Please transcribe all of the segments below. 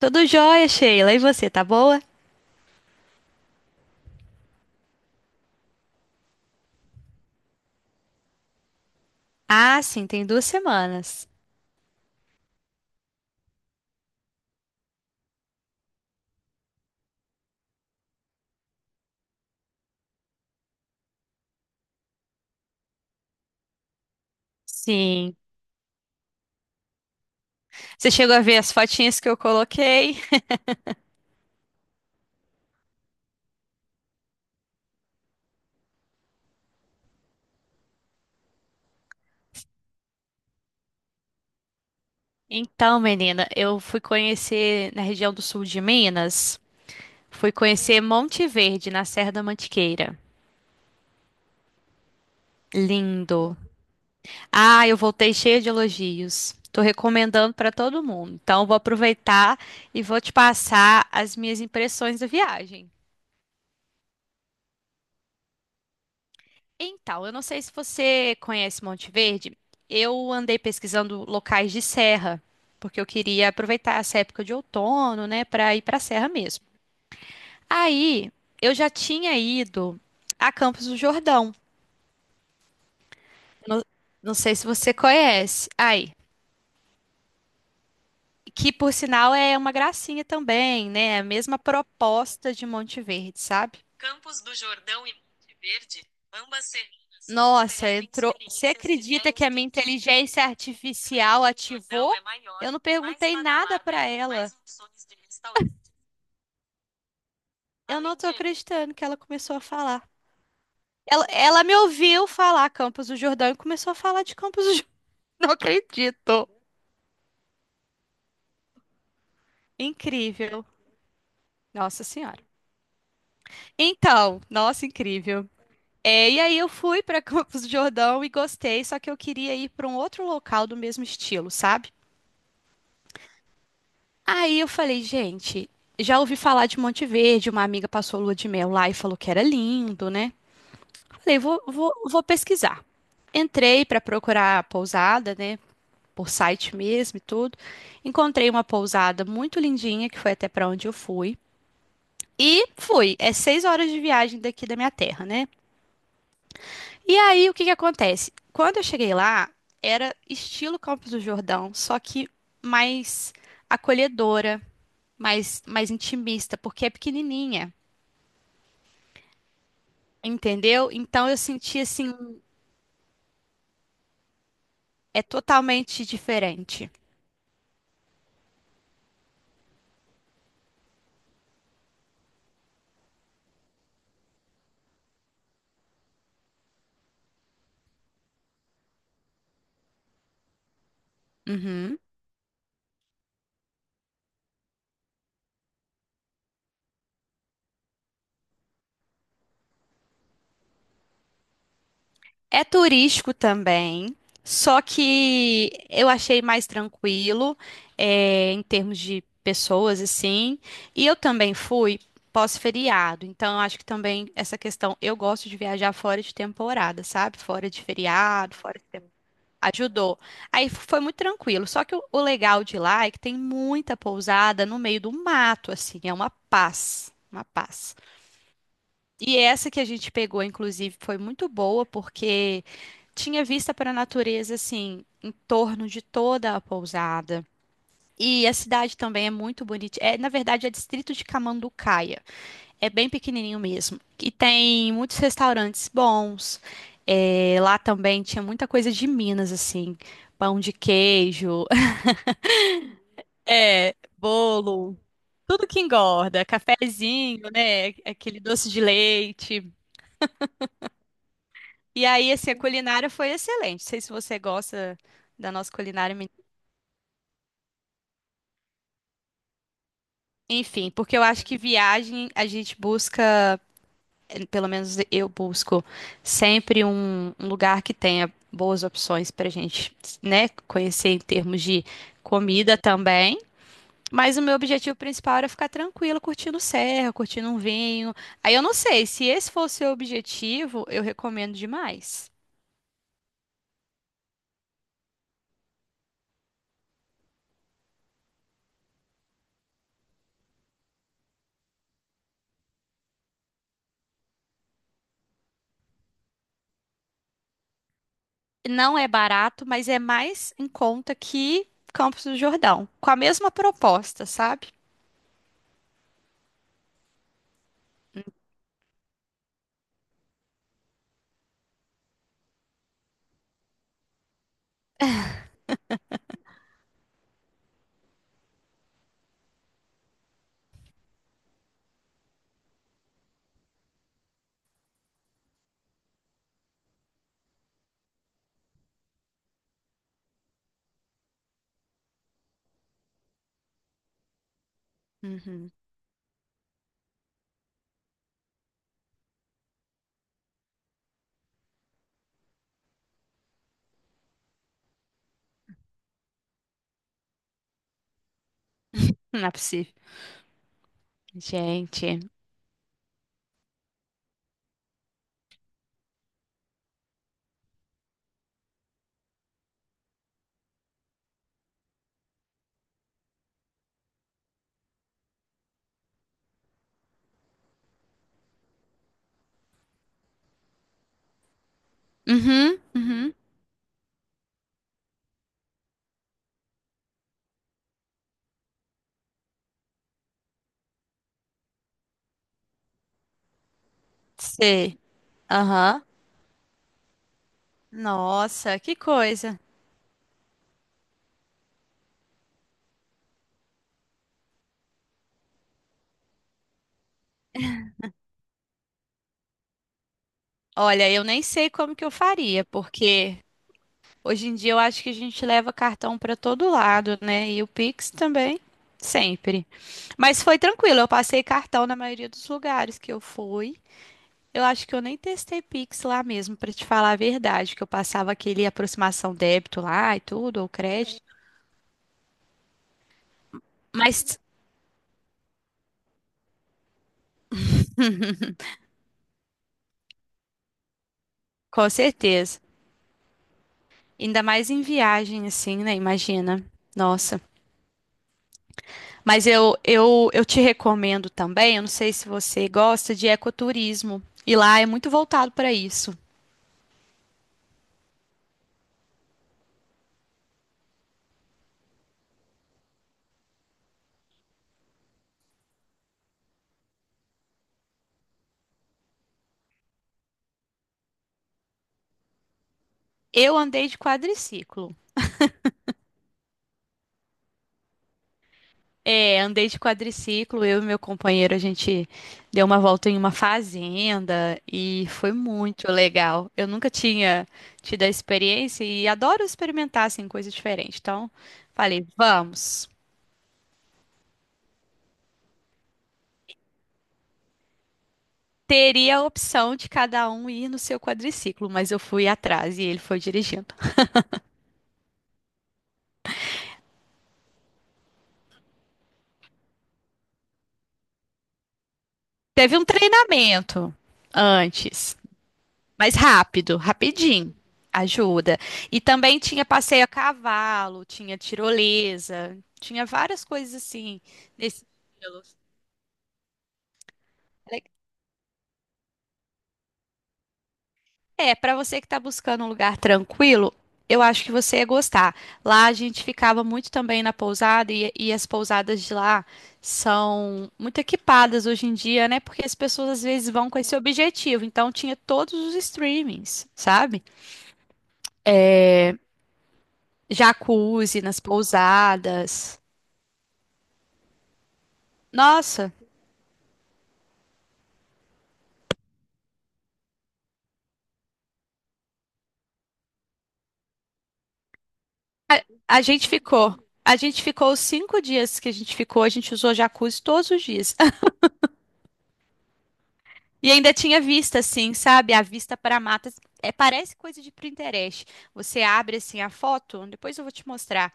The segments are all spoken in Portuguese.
Tudo jóia, Sheila. E você, tá boa? Ah, sim, tem 2 semanas. Sim. Você chegou a ver as fotinhas que eu coloquei? Então, menina, eu fui conhecer na região do sul de Minas. Fui conhecer Monte Verde, na Serra da Mantiqueira. Lindo. Ah, eu voltei cheia de elogios. Tô recomendando pra todo mundo. Então, eu vou aproveitar e vou te passar as minhas impressões da viagem. Então, eu não sei se você conhece Monte Verde. Eu andei pesquisando locais de serra, porque eu queria aproveitar essa época de outono, né, para ir para a serra mesmo. Aí, eu já tinha ido a Campos do Jordão. Não, não sei se você conhece. Aí, que por sinal é uma gracinha também, né? A mesma proposta de Monte Verde, sabe? Nossa, entrou. Você acredita que a minha inteligência artificial ativou? Eu não perguntei nada para ela. Eu não tô acreditando que ela começou a falar. Ela me ouviu falar Campos do Jordão e começou a falar de Campos do Jordão. Não acredito. Incrível. Nossa Senhora. Então, nossa, incrível. É, e aí eu fui para Campos do Jordão e gostei, só que eu queria ir para um outro local do mesmo estilo, sabe? Aí eu falei, gente, já ouvi falar de Monte Verde, uma amiga passou lua de mel lá e falou que era lindo, né? Falei, vou pesquisar. Entrei para procurar a pousada, né? Por site mesmo e tudo. Encontrei uma pousada muito lindinha, que foi até para onde eu fui. E fui. É 6 horas de viagem daqui da minha terra, né? E aí, o que que acontece? Quando eu cheguei lá, era estilo Campos do Jordão, só que mais acolhedora mais intimista, porque é pequenininha, entendeu? Então eu senti assim, é totalmente diferente. Uhum. É turístico também, só que eu achei mais tranquilo, é, em termos de pessoas, assim. E eu também fui pós-feriado, então eu acho que também essa questão, eu gosto de viajar fora de temporada, sabe? Fora de feriado. Ajudou. Aí foi muito tranquilo. Só que o legal de lá é que tem muita pousada no meio do mato, assim, é uma paz, uma paz. E essa que a gente pegou, inclusive, foi muito boa porque tinha vista para a natureza, assim, em torno de toda a pousada. E a cidade também é muito bonita. É, na verdade, é distrito de Camanducaia. É bem pequenininho mesmo. E tem muitos restaurantes bons. É, lá também tinha muita coisa de Minas, assim, pão de queijo. É, bolo, tudo que engorda, cafezinho, né? Aquele doce de leite. E aí, assim, a culinária foi excelente. Não sei se você gosta da nossa culinária mineira. Enfim, porque eu acho que viagem a gente busca, pelo menos eu busco sempre um, um lugar que tenha boas opções para a gente, né, conhecer em termos de comida também. Mas o meu objetivo principal era ficar tranquila, curtindo serra, curtindo um vinho. Aí eu não sei, se esse for o seu objetivo, eu recomendo demais. Não é barato, mas é mais em conta que Campos do Jordão, com a mesma proposta, sabe? Uhum. Não é possível. Gente. Uhum, uhum. Sei. Aham. Nossa, que coisa. Olha, eu nem sei como que eu faria, porque hoje em dia eu acho que a gente leva cartão para todo lado, né? E o Pix também, sempre. Mas foi tranquilo, eu passei cartão na maioria dos lugares que eu fui. Eu acho que eu nem testei Pix lá mesmo, para te falar a verdade, que eu passava aquele aproximação débito lá e tudo, ou crédito. Mas com certeza, ainda mais em viagem assim, né? Imagina. Nossa. Mas eu te recomendo também, eu não sei se você gosta de ecoturismo, e lá é muito voltado para isso. Eu andei de quadriciclo. É, andei de quadriciclo, eu e meu companheiro, a gente deu uma volta em uma fazenda e foi muito legal. Eu nunca tinha tido a experiência e adoro experimentar assim, coisas diferentes. Então, falei, vamos. Teria a opção de cada um ir no seu quadriciclo, mas eu fui atrás e ele foi dirigindo. Teve um treinamento antes, mas rápido, rapidinho. Ajuda. E também tinha passeio a cavalo, tinha tirolesa, tinha várias coisas assim nesse estilo. É, para você que está buscando um lugar tranquilo, eu acho que você ia gostar. Lá a gente ficava muito também na pousada e as pousadas de lá são muito equipadas hoje em dia, né? Porque as pessoas às vezes vão com esse objetivo. Então tinha todos os streamings, sabe? É, jacuzzi nas pousadas. Nossa, a gente ficou. A gente ficou os 5 dias que a gente ficou, a gente usou jacuzzi todos os dias. E ainda tinha vista, assim, sabe? A vista para matas. É, parece coisa de Pinterest. Você abre, assim, a foto, depois eu vou te mostrar.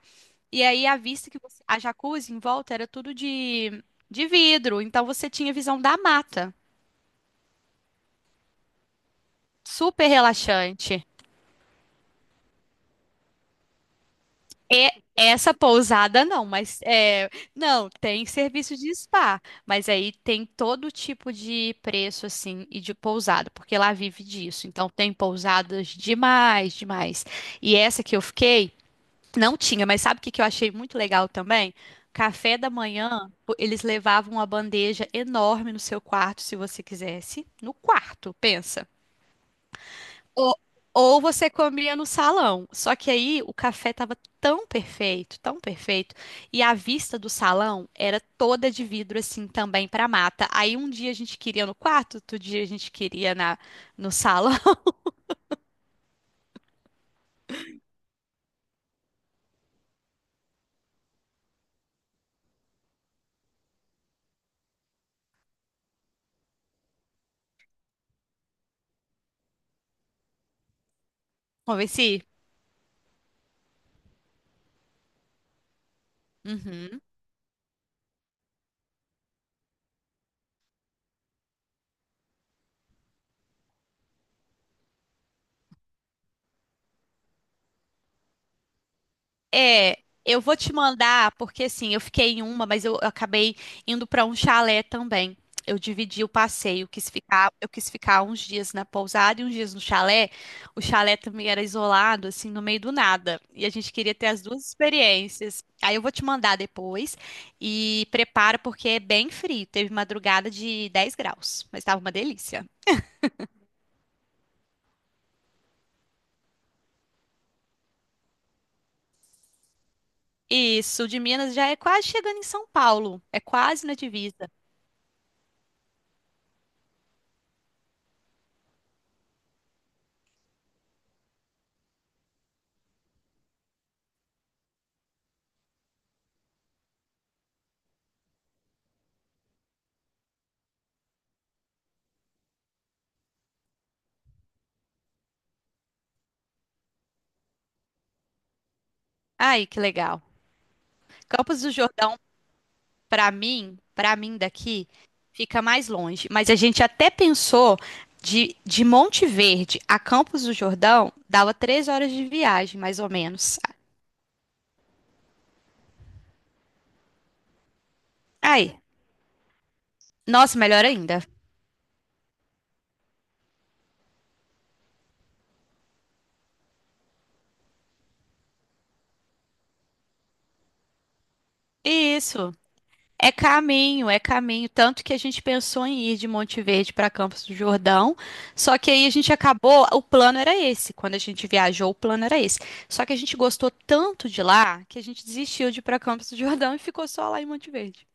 E aí a vista que você... A jacuzzi em volta era tudo de vidro, então você tinha visão da mata. Super relaxante. É essa pousada não, não, tem serviço de spa, mas aí tem todo tipo de preço assim e de pousada, porque lá vive disso. Então tem pousadas demais, demais. E essa que eu fiquei não tinha, mas sabe o que que eu achei muito legal também? Café da manhã, eles levavam uma bandeja enorme no seu quarto, se você quisesse, no quarto, pensa. Ou, ou você comia no salão. Só que aí o café tava tão perfeito, e a vista do salão era toda de vidro assim também para mata. Aí um dia a gente queria no quarto, outro dia a gente queria na no salão. Vamos ver se. Uhum. É, eu vou te mandar, porque assim, eu fiquei em uma, mas eu acabei indo para um chalé também. Eu dividi o passeio, eu quis ficar uns dias na pousada e uns dias no chalé. O chalé também era isolado, assim, no meio do nada. E a gente queria ter as duas experiências. Aí eu vou te mandar depois e prepara porque é bem frio. Teve madrugada de 10 graus, mas estava uma delícia. E sul de Minas já é quase chegando em São Paulo, é quase na divisa. Ai, que legal. Campos do Jordão Pra mim daqui, fica mais longe. Mas a gente até pensou de Monte Verde a Campos do Jordão, dava 3 horas de viagem, mais ou menos. Aí, nossa, melhor ainda. Isso. É caminho, é caminho. Tanto que a gente pensou em ir de Monte Verde para Campos do Jordão, só que aí a gente acabou. O plano era esse. Quando a gente viajou, o plano era esse. Só que a gente gostou tanto de lá que a gente desistiu de ir para Campos do Jordão e ficou só lá em Monte Verde.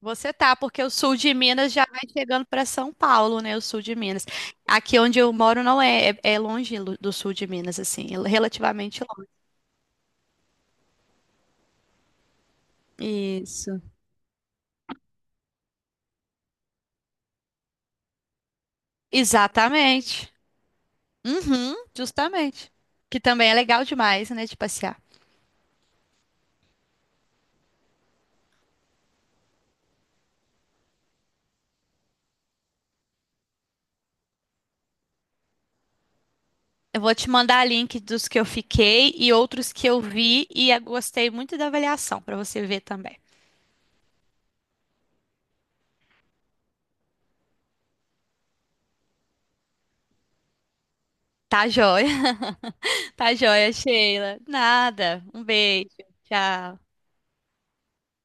Você tá, porque o sul de Minas já vai chegando para São Paulo, né? O sul de Minas. Aqui onde eu moro não é, é, é longe do sul de Minas, assim, é relativamente longe. Isso. Exatamente. Uhum, justamente. Que também é legal demais, né, de passear. Eu vou te mandar link dos que eu fiquei e outros que eu vi e eu gostei muito da avaliação para você ver também. Tá joia? Tá joia, Sheila. Nada. Um beijo. Tchau.